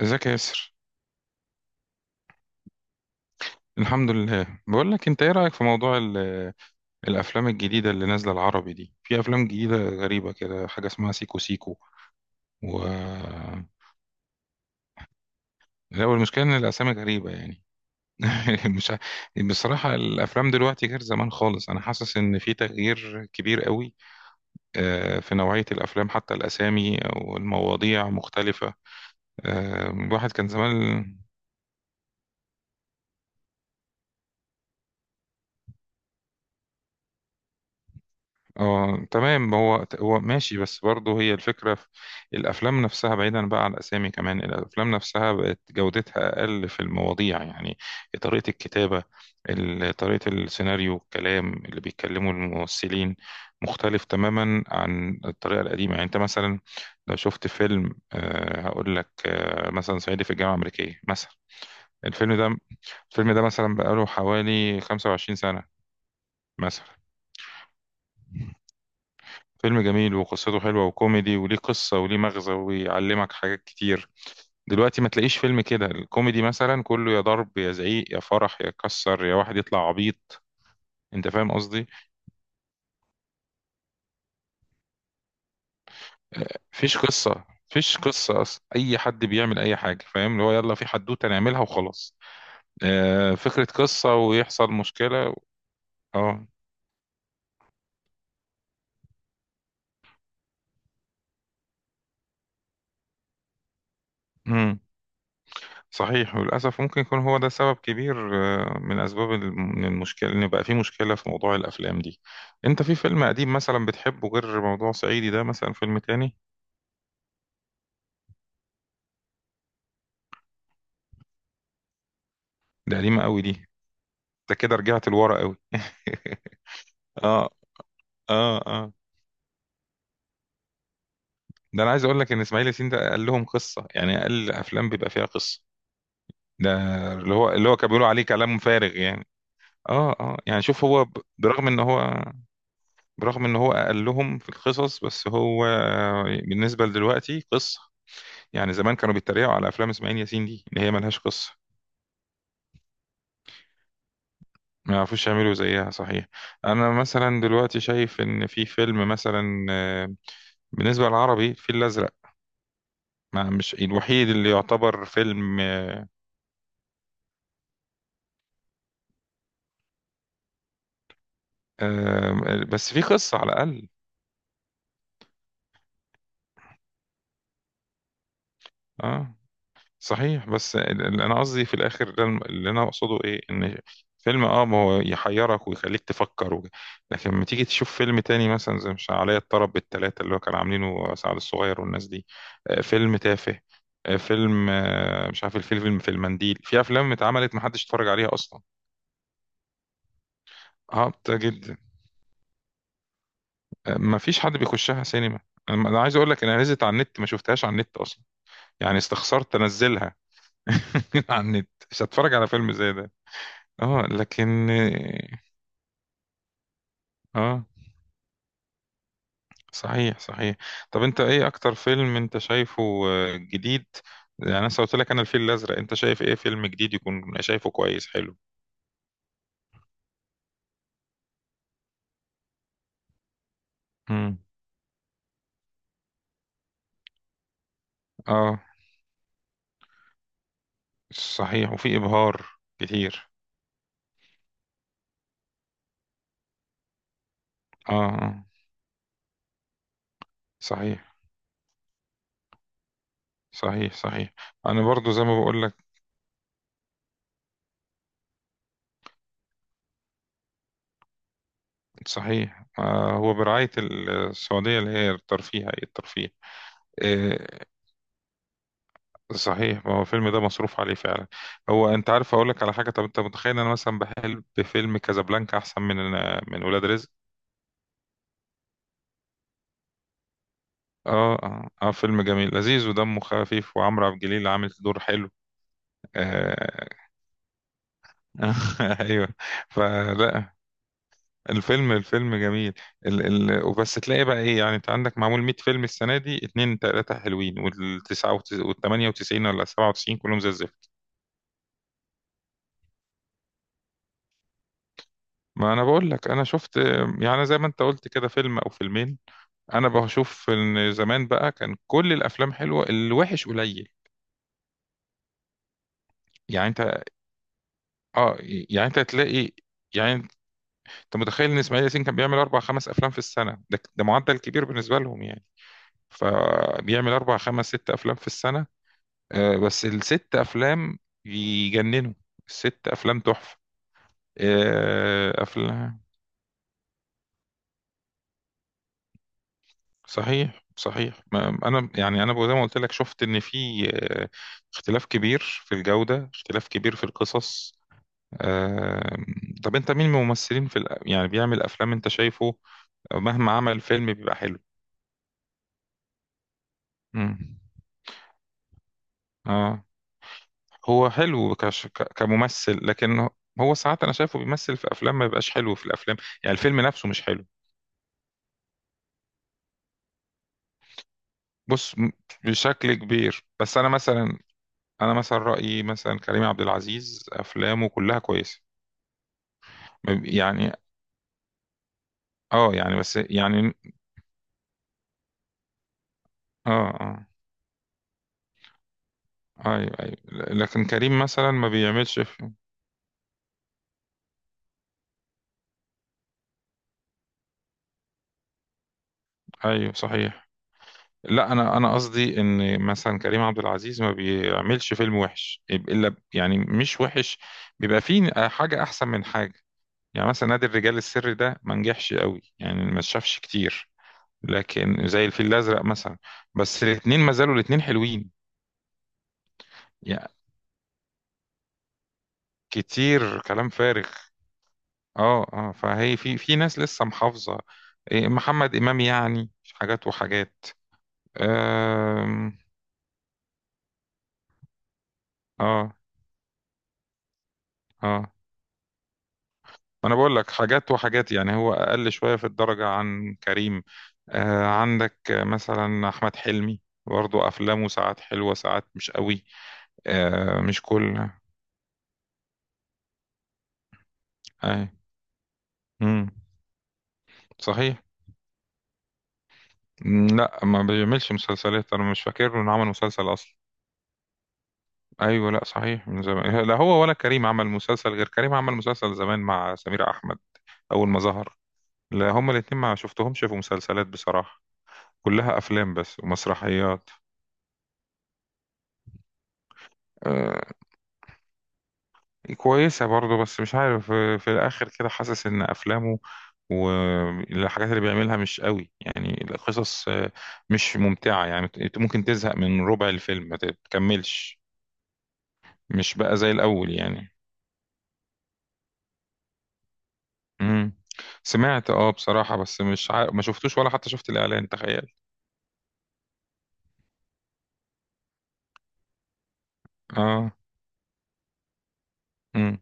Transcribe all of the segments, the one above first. ازيك يا ياسر؟ الحمد لله. بقول لك، انت ايه رايك في موضوع الافلام الجديده اللي نازله العربي دي؟ في افلام جديده غريبه كده، حاجه اسمها سيكو سيكو و لا، والمشكله ان الاسامي غريبه يعني. مش ع- بصراحه الافلام دلوقتي غير زمان خالص، انا حاسس ان في تغيير كبير قوي في نوعيه الافلام، حتى الاسامي او المواضيع مختلفه. الواحد كان زمان. اه، تمام، هو ماشي، بس برضه هي الفكرة في الأفلام نفسها، بعيدا بقى عن الأسامي. كمان الأفلام نفسها بقت جودتها أقل، في المواضيع يعني، طريقة الكتابة، طريقة السيناريو، الكلام اللي بيتكلموا الممثلين مختلف تماما عن الطريقة القديمة. يعني أنت مثلا لو شفت فيلم هقول لك مثلا صعيدي في الجامعة الأمريكية مثلا. الفيلم ده الفيلم ده مثلا بقاله حوالي 25 سنة. مثلا فيلم جميل وقصته حلوة وكوميدي وليه قصة وليه مغزى ويعلمك حاجات كتير. دلوقتي ما تلاقيش فيلم كده. الكوميدي مثلا كله يا ضرب يا زعيق يا فرح يا كسر يا واحد يطلع عبيط، انت فاهم قصدي؟ فيش قصة، فيش قصة أصلا. أي حد بيعمل أي حاجة، فاهم اللي هو يلا في حدوتة نعملها وخلاص. فكرة قصة ويحصل مشكلة. اه، صحيح. وللأسف ممكن يكون هو ده سبب كبير من أسباب من المشكلة إن بقى في مشكلة في موضوع الأفلام دي. أنت في فيلم قديم مثلا بتحبه غير موضوع صعيدي ده؟ مثلا فيلم تاني. ده قديمة قوي دي، ده كده رجعت لورا قوي. اه، اه، اه. ده انا عايز اقول لك ان اسماعيل ياسين ده قال لهم قصه، يعني اقل افلام بيبقى فيها قصه ده، اللي هو كان بيقولوا عليه كلام فارغ يعني. اه، اه، يعني شوف هو برغم ان هو برغم ان هو اقلهم في القصص، بس هو بالنسبه لدلوقتي قصه. يعني زمان كانوا بيتريقوا على افلام اسماعيل ياسين دي ان هي ملهاش قصه. ما يعرفوش يعملوا زيها، صحيح. انا مثلا دلوقتي شايف ان في فيلم مثلا بالنسبه للعربي الفيل الازرق. ما مش الوحيد اللي يعتبر فيلم بس فيه قصه على الاقل. اه، صحيح. بس انا قصدي في الاخر ده، اللي انا اقصده ايه ان فيلم اه ما هو يحيرك ويخليك تفكر لكن لما تيجي تشوف فيلم تاني، مثلا زي مش عليا الطرب بالثلاثه اللي هو كان عاملينه سعد الصغير والناس دي، فيلم تافه. فيلم مش عارف، الفيلم في المنديل، في افلام اتعملت ما حدش اتفرج عليها اصلا. هابطه جدا، ما فيش حد بيخشها سينما. أنا عايز اقول لك، انا نزلت على النت ما شفتهاش على النت اصلا. يعني استخسرت انزلها. على النت مش هتفرج على فيلم زي ده. اه، لكن اه، صحيح، صحيح. طب انت ايه اكتر فيلم انت شايفه جديد؟ يعني انا قلت لك انا الفيل الازرق، انت شايف ايه فيلم جديد يكون شايفه كويس حلو؟ امم. اه، صحيح، وفي ابهار كتير. اه، صحيح، صحيح، صحيح. انا برضو زي ما بقول لك، صحيح. هو برعاية السعودية اللي هي الترفيه، هيئة الترفيه. آه، صحيح. ما هو الفيلم ده مصروف عليه فعلا. هو انت عارف اقول لك على حاجه؟ طب انت متخيل إن انا مثلا بحل بفيلم كازابلانكا احسن من ولاد رزق؟ اه، اه، فيلم جميل لذيذ ودمه خفيف، وعمرو عبد الجليل عامل دور حلو. آه. ايوه. فلا، الفيلم جميل. ال ال وبس تلاقي بقى ايه؟ يعني انت عندك معمول 100 فيلم السنه دي، اتنين تلاته حلوين، والتسعه وال 98 ولا 97 كلهم زي الزفت. ما انا بقول لك انا شفت يعني زي ما انت قلت كده فيلم او فيلمين. انا بشوف ان زمان بقى كان كل الافلام حلوه، الوحش قليل. يعني انت اه، يعني انت هتلاقي يعني انت متخيل ان اسماعيل ياسين كان بيعمل اربع خمس افلام في السنه؟ ده ده معدل كبير بالنسبه لهم يعني. فبيعمل اربع خمس ست افلام في السنه، بس الست افلام يجننوا. الست افلام تحفه. افلام. صحيح، صحيح. ما انا يعني انا زي ما قلت لك شفت ان في آه، اختلاف كبير في الجوده، اختلاف كبير في القصص. آم، طب انت مين من الممثلين في يعني بيعمل افلام انت شايفه مهما عمل فيلم بيبقى حلو؟ مم. اه، هو حلو كممثل، لكن هو ساعات انا شايفه بيمثل في افلام ما بيبقاش حلو في الافلام، يعني الفيلم نفسه مش حلو. بص م- بشكل كبير. بس انا مثلا، انا مثلا رايي مثلا كريم عبد العزيز افلامه كلها كويسه. ما بي- يعني اه يعني بس يعني اه، اه، ايوه، ايوه. لكن كريم مثلا ما بيعملش ايوه، صحيح. لا، انا انا قصدي ان مثلا كريم عبد العزيز ما بيعملش فيلم وحش، الا يعني مش وحش، بيبقى فيه حاجه احسن من حاجه. يعني مثلا نادي الرجال السري ده ما نجحش قوي، يعني ما شافش كتير. لكن زي الفيل الازرق مثلا. بس الاثنين ما زالوا الاثنين حلوين يعني، كتير كلام فارغ. اه، اه، فهي في في ناس لسه محافظه. محمد امام يعني، حاجات وحاجات. آم، اه، اه. انا بقول لك حاجات وحاجات، يعني هو اقل شويه في الدرجه عن كريم. عندك مثلا احمد حلمي، برضه افلامه ساعات حلوه ساعات مش قوي، مش كل. آه. مم. صحيح. لا، ما بيعملش مسلسلات. انا مش فاكر انه عمل مسلسل اصلا. ايوه، لا صحيح من زمان، لا هو ولا كريم عمل مسلسل، غير كريم عمل مسلسل زمان مع سمير احمد، اول ما ظهر. لا، هما الاتنين ما شفتهمش في مسلسلات بصراحه، كلها افلام بس ومسرحيات. آه، كويسة برضه، بس مش عارف في الآخر كده حاسس إن أفلامه والحاجات اللي بيعملها مش قوي يعني. القصص مش ممتعة، يعني ممكن تزهق من ربع الفيلم ما تكملش. مش بقى زي الأول يعني. مم. سمعت، اه، بصراحة بس مش عارف، ما شفتوش ولا حتى شفت الإعلان، تخيل. اه. مم.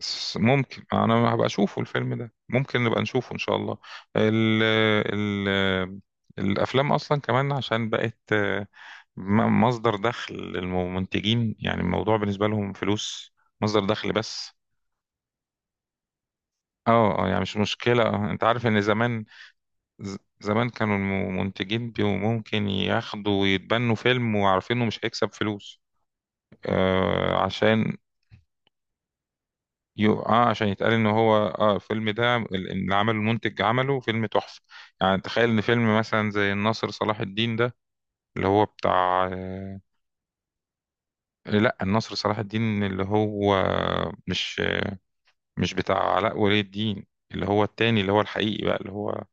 بس ممكن انا هبقى اشوفه الفيلم ده، ممكن نبقى نشوفه ان شاء الله. ال ال الافلام اصلا كمان عشان بقت مصدر دخل للمنتجين، يعني الموضوع بالنسبه لهم فلوس، مصدر دخل بس. اه، اه، يعني مش مشكله انت عارف ان زمان، زمان كانوا المنتجين بيبقوا ممكن ياخدوا ويتبنوا فيلم وعارفين انه مش هيكسب فلوس، عشان يو اه عشان يتقال ان هو اه الفيلم ده اللي عمله المنتج عمله فيلم تحفة. يعني تخيل ان فيلم مثلا زي الناصر صلاح الدين ده اللي هو بتاع. لا، الناصر صلاح الدين اللي هو مش مش بتاع علاء ولي الدين، اللي هو التاني اللي هو الحقيقي بقى، اللي هو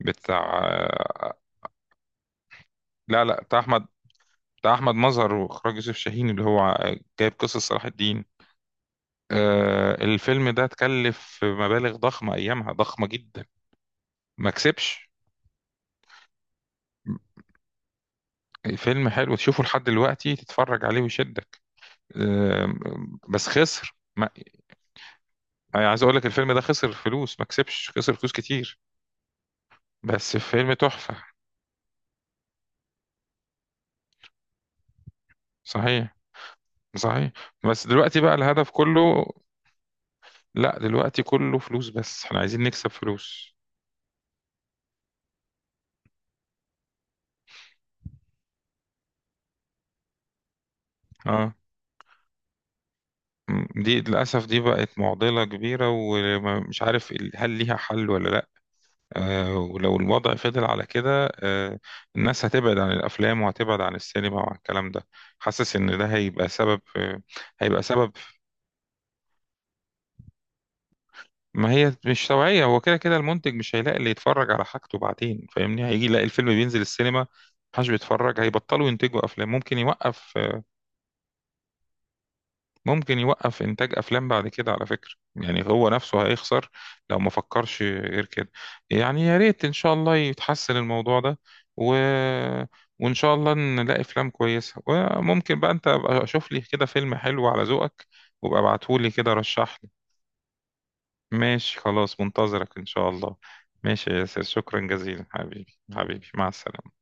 بتاع. لا، لا، بتاع احمد مظهر، واخراج يوسف شاهين، اللي هو جايب قصة صلاح الدين. الفيلم ده اتكلف مبالغ ضخمة ايامها، ضخمة جدا. ما كسبش. فيلم حلو تشوفه لحد دلوقتي، تتفرج عليه ويشدك. أم، بس خسر، ما يعني عايز اقول لك الفيلم ده خسر فلوس، ما كسبش، خسر فلوس كتير، بس فيلم تحفة. صحيح، صحيح. بس دلوقتي بقى الهدف كله، لا دلوقتي كله فلوس بس، احنا عايزين نكسب فلوس. اه. دي للأسف دي بقت معضلة كبيرة، ومش عارف هل ليها حل ولا لا. ولو الوضع فضل على كده الناس هتبعد عن الأفلام وهتبعد عن السينما وعن الكلام ده. حاسس إن ده هيبقى سبب هيبقى سبب. ما هي مش توعية، هو كده كده المنتج مش هيلاقي اللي يتفرج على حاجته بعدين، فاهمني؟ هيجي يلاقي الفيلم بينزل السينما محدش بيتفرج، هيبطلوا ينتجوا أفلام، ممكن يوقف. ممكن يوقف إنتاج أفلام بعد كده على فكرة، يعني هو نفسه هيخسر لو ما فكرش غير كده. يعني يا ريت إن شاء الله يتحسن الموضوع ده، و... وإن شاء الله نلاقي أفلام كويسة. وممكن بقى أنت أبقى أشوف لي كده فيلم حلو على ذوقك، وابقى ابعتهولي، كده رشح لي. ماشي، خلاص منتظرك إن شاء الله. ماشي يا ياسر، شكرا جزيلا حبيبي، حبيبي، مع السلامة.